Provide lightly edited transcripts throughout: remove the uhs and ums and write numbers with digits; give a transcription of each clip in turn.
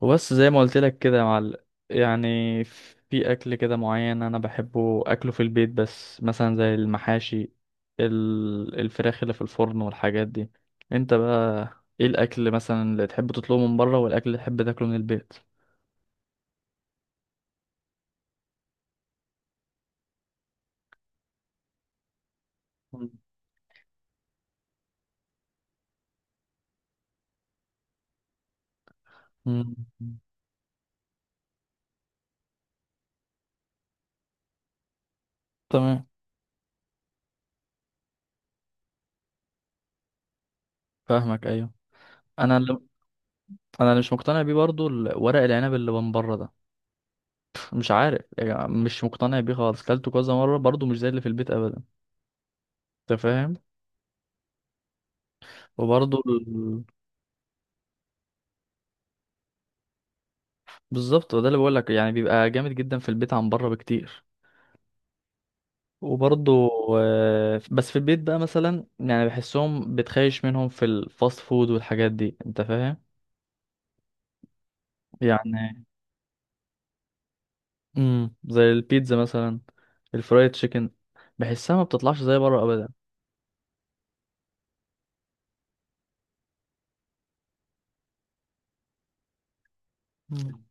وبس زي ما قلت لك كده يا معلم. يعني في اكل كده معين انا بحبه اكله في البيت، بس مثلا زي المحاشي، الفراخ اللي في الفرن والحاجات دي. انت بقى ايه الاكل مثلا اللي تحب تطلبه من بره والاكل اللي تحب تاكله من البيت؟ مم. مم. تمام. فاهمك، ايوه. انا اللي انا اللي مش مقتنع بيه برضو ورق العنب اللي من بره ده. مش عارف، يعني مش مقتنع بيه خالص، كلته كذا مره برضو مش زي اللي في البيت ابدا. انت فاهم؟ وبرضو. بالظبط، وده اللي بقول لك، يعني بيبقى جامد جدا في البيت عن بره بكتير. وبرضه آه، بس في البيت بقى مثلا يعني بحسهم بتخيش منهم في الفاست فود والحاجات دي. انت فاهم؟ يعني زي البيتزا مثلا، الفرايد تشيكن، بحسها ما بتطلعش زي بره ابدا. مم.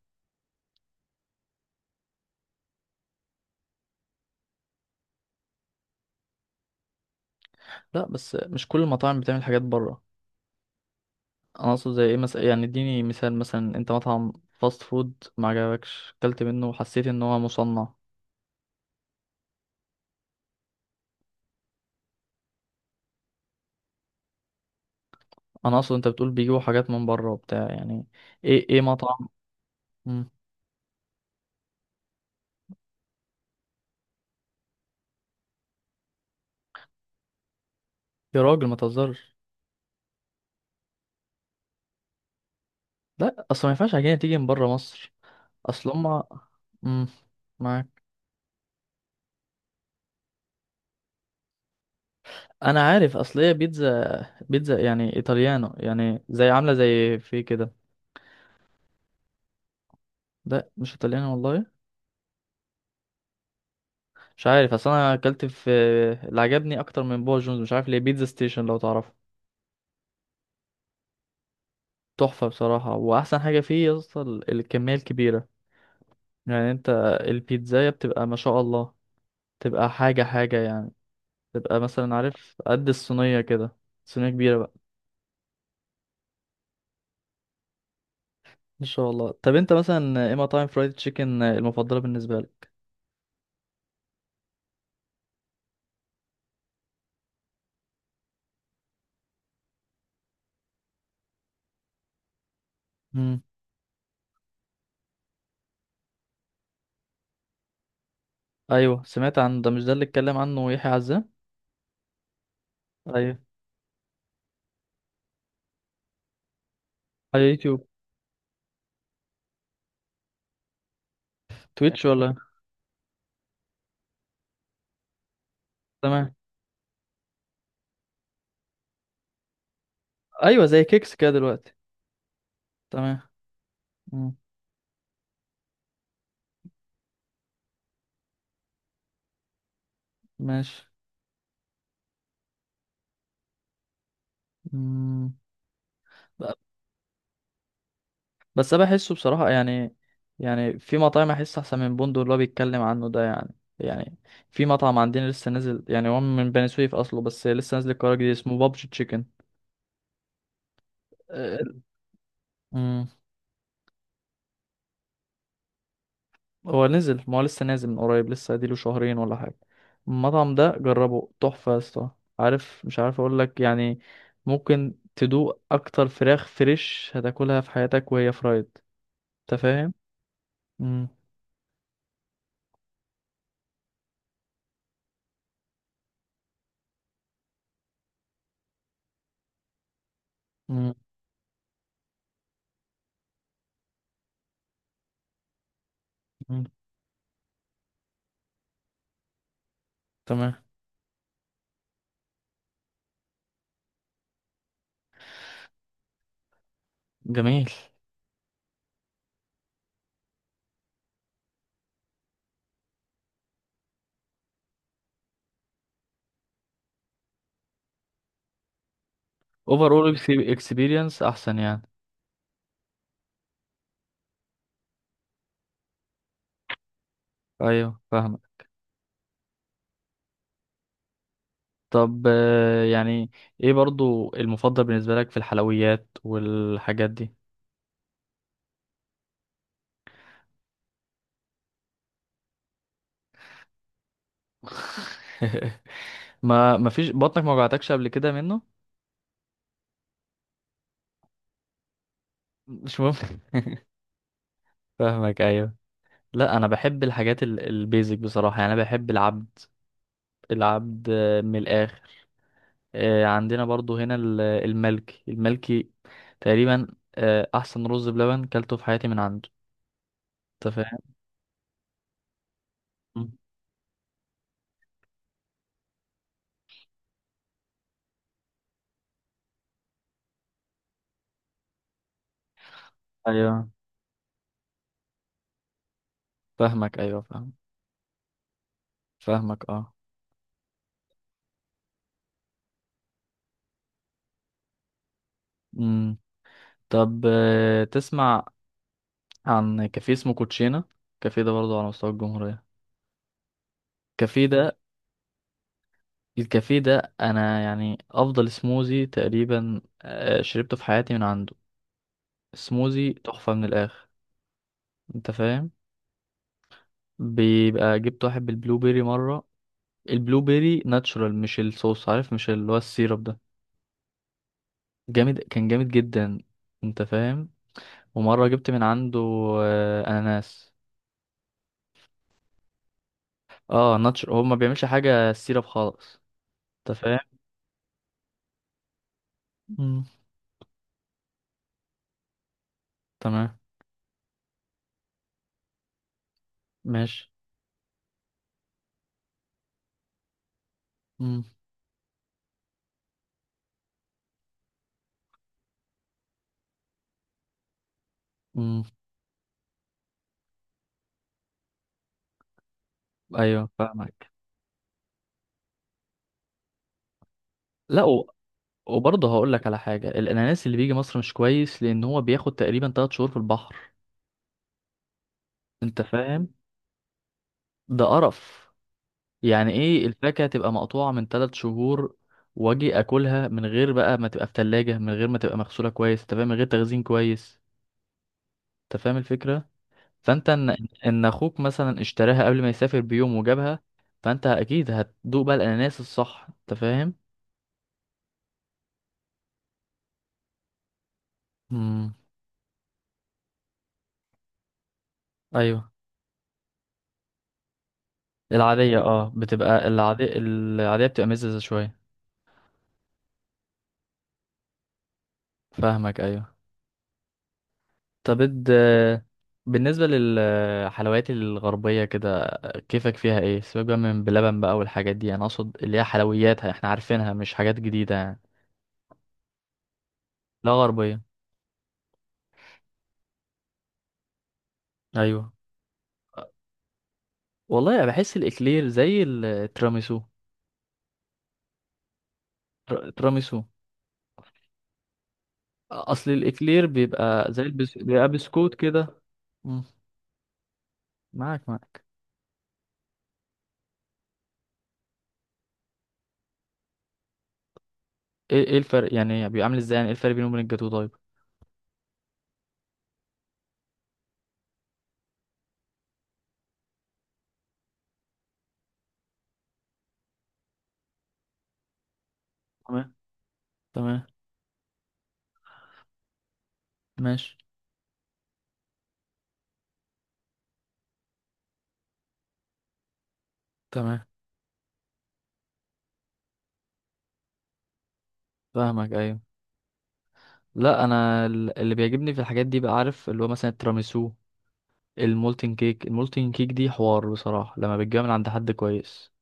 لا بس مش كل المطاعم بتعمل حاجات بره. انا اقصد زي ايه مثلا؟ يعني اديني مثال، مثلا انت مطعم فاست فود ما عجبكش اكلت منه وحسيت ان هو مصنع. انا اقصد انت بتقول بيجيبوا حاجات من بره وبتاع يعني. ايه مطعم. مم. يا راجل ما تهزرش. لا اصل ما ينفعش عجينه تيجي من بره مصر. اصل هما. مم. معاك. انا عارف اصل هي بيتزا. بيتزا يعني ايطاليانو، يعني زي عامله زي في كده. لا مش ايطاليانو والله. مش عارف، اصل انا اكلت في. اللي عجبني اكتر من بابا جونز، مش عارف ليه، بيتزا ستيشن، لو تعرفه. تحفه بصراحه، واحسن حاجه فيه يا اسطى الكميه الكبيره. يعني انت، البيتزايه بتبقى ما شاء الله، تبقى حاجه حاجه يعني. تبقى مثلا، عارف، قد الصينيه كده، صينيه كبيره. ان شاء الله. طب انت مثلا ايه مطاعم فرايد تشيكن المفضله بالنسبه لك؟ مم. ايوه سمعت عن ده، مش ده اللي اتكلم عنه يحيى عزام؟ ايوه. على يوتيوب؟ تويتش ولا؟ تمام. ايوه زي كيكس كده دلوقتي. تمام. مم. ماشي. مم. ب- بس انا بحسه بصراحه يعني. يعني في مطاعم احس احسن من بوندو اللي هو بيتكلم عنه ده يعني. يعني في مطعم عندنا لسه نازل، يعني هو من بني سويف اصله، بس لسه نازل القرار جديد، اسمه بابجي تشيكن. هو نزل، ما هو لسه نازل من قريب، لسه اديله شهرين ولا حاجة. المطعم ده جربه، تحفة يا اسطى. عارف، مش عارف اقول لك يعني، ممكن تدوق اكتر فراخ فريش هتاكلها في حياتك وهي فرايد. انت فاهم؟ مم. مم. مم. تمام. جميل. اوفر اول اكسبيرينس احسن يعني. ايوه فاهمك. طب آه، يعني ايه برضو المفضل بالنسبه لك في الحلويات والحاجات دي؟ ما فيش بطنك ما وجعتكش قبل كده منه؟ مش ممكن. فاهمك ايوه. لا انا بحب الحاجات البيزك بصراحه، يعني انا بحب العبد. العبد آه، من الاخر. آه، عندنا برضو هنا الملكي الملكي تقريبا، آه، احسن رز بلبن كلته في حياتي من عنده. انت فاهم؟ مم. ايوه فاهمك. ايوه فاهم. فاهمك اه. امم طب آه، تسمع عن كافيه اسمه كوتشينا؟ كافيه ده برضو على مستوى الجمهوريه. الكافيه ده الكافيه ده انا يعني افضل سموزي تقريبا آه، شربته في حياتي من عنده. سموزي تحفة من الاخر. انت فاهم؟ بيبقى جبت واحد بالبلو بيري مرة. البلو بيري ناتشورال، مش الصوص، عارف؟ مش اللي هو السيرب ده. جامد، كان جامد جدا. انت فاهم؟ ومرة جبت من عنده اناناس. اه ناتشورال، هو ما بيعملش حاجة سيرب خالص. انت فاهم؟ مم. تمام. ماشي. مم. مم. ايوه فاهمك. لا. وبرضه هقول لك على حاجة، الأناناس اللي بيجي مصر مش كويس، لأن هو بياخد تقريبا 3 شهور في البحر. أنت فاهم؟ ده قرف. يعني إيه الفاكهة تبقى مقطوعة من 3 شهور، وأجي أكلها من غير بقى ما تبقى في تلاجة، من غير ما تبقى مغسولة كويس، أنت فاهم، من غير تخزين كويس. أنت فاهم الفكرة؟ فأنت إن أخوك مثلا اشتراها قبل ما يسافر بيوم وجابها، فأنت أكيد هتدوق بقى الأناناس الصح. أنت فاهم؟ امم أيوه. العادية اه بتبقى العادية بتبقى مززة شوية. فاهمك أيوه. طب بالنسبة للحلويات الغربية كده، كيفك فيها؟ ايه؟ سيبك بقى من بلبن بقى والحاجات دي، انا اقصد اللي هي حلوياتها احنا عارفينها، مش حاجات جديدة يعني. لا غربية. ايوه والله، أنا بحس الاكلير زي التراميسو، تراميسو. اصل الاكلير بيبقى زي بيبقى بسكوت كده. مم، معاك معاك. ايه الفرق يعني؟ بيبقى عامل ازاي يعني؟ ايه الفرق بينه وبين الجاتو طيب؟ تمام. تمام. ماشي. تمام. فاهمك ايوه. لا انا اللي بيعجبني في الحاجات دي بقى، عارف، اللي هو مثلا التراميسو، المولتن كيك. المولتن كيك دي حوار بصراحة لما بتجيبها من عند حد كويس.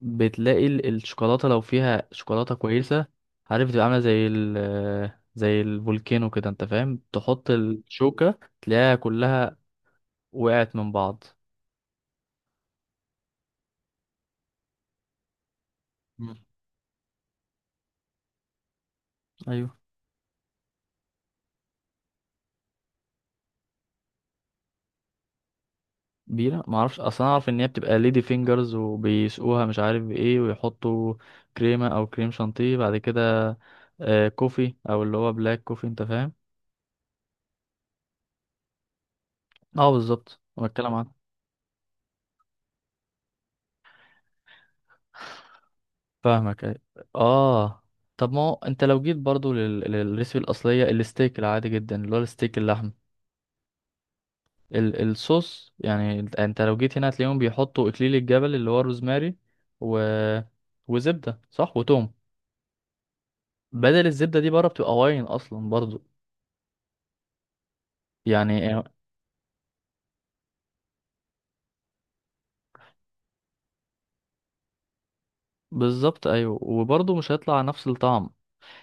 بتلاقي الشوكولاتة لو فيها شوكولاتة كويسة، عارف، بتبقى عاملة زي الفولكانو كده، انت فاهم؟ تحط الشوكة تلاقيها كلها وقعت من بعض. مم. ايوه، بيرة، ما اعرفش اصلا، اعرف ان هي بتبقى ليدي فينجرز وبيسقوها مش عارف بايه، ويحطوا كريمة او كريم شانتيه بعد كده، كوفي او اللي هو بلاك كوفي، انت فاهم؟ اه بالظبط، انا بتكلم عن. فاهمك أيوة. اه. طب ما هو انت لو جيت برضو للريسبي الاصلية، الستيك العادي جدا اللي هو الستيك اللحم، الصوص يعني. انت أنت لو جيت هنا هتلاقيهم بيحطوا اكليل الجبل اللي هو الروزماري، و... وزبدة صح، وتوم. بدل الزبدة دي بره بتبقى واين اصلا برضو يعني. بالظبط، ايوه، وبرضه مش هيطلع نفس الطعم.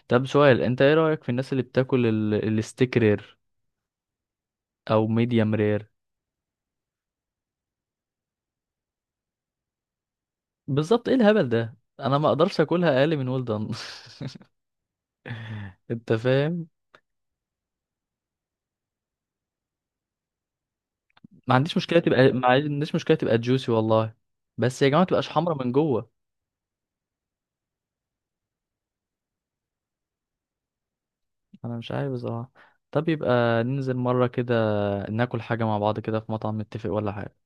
طب سؤال، انت ايه رأيك في الناس اللي بتاكل الستيك رير او ميديم رير؟ بالظبط، ايه الهبل ده، انا ما اقدرش اكلها اقل من ويل دان. انت فاهم؟ ما عنديش مشكله تبقى جوسي والله. بس يا جماعه ما تبقاش حمرا من جوه. انا مش عارف بصراحه. طب يبقى ننزل مره كده ناكل حاجه مع بعض كده في مطعم، نتفق ولا حاجه؟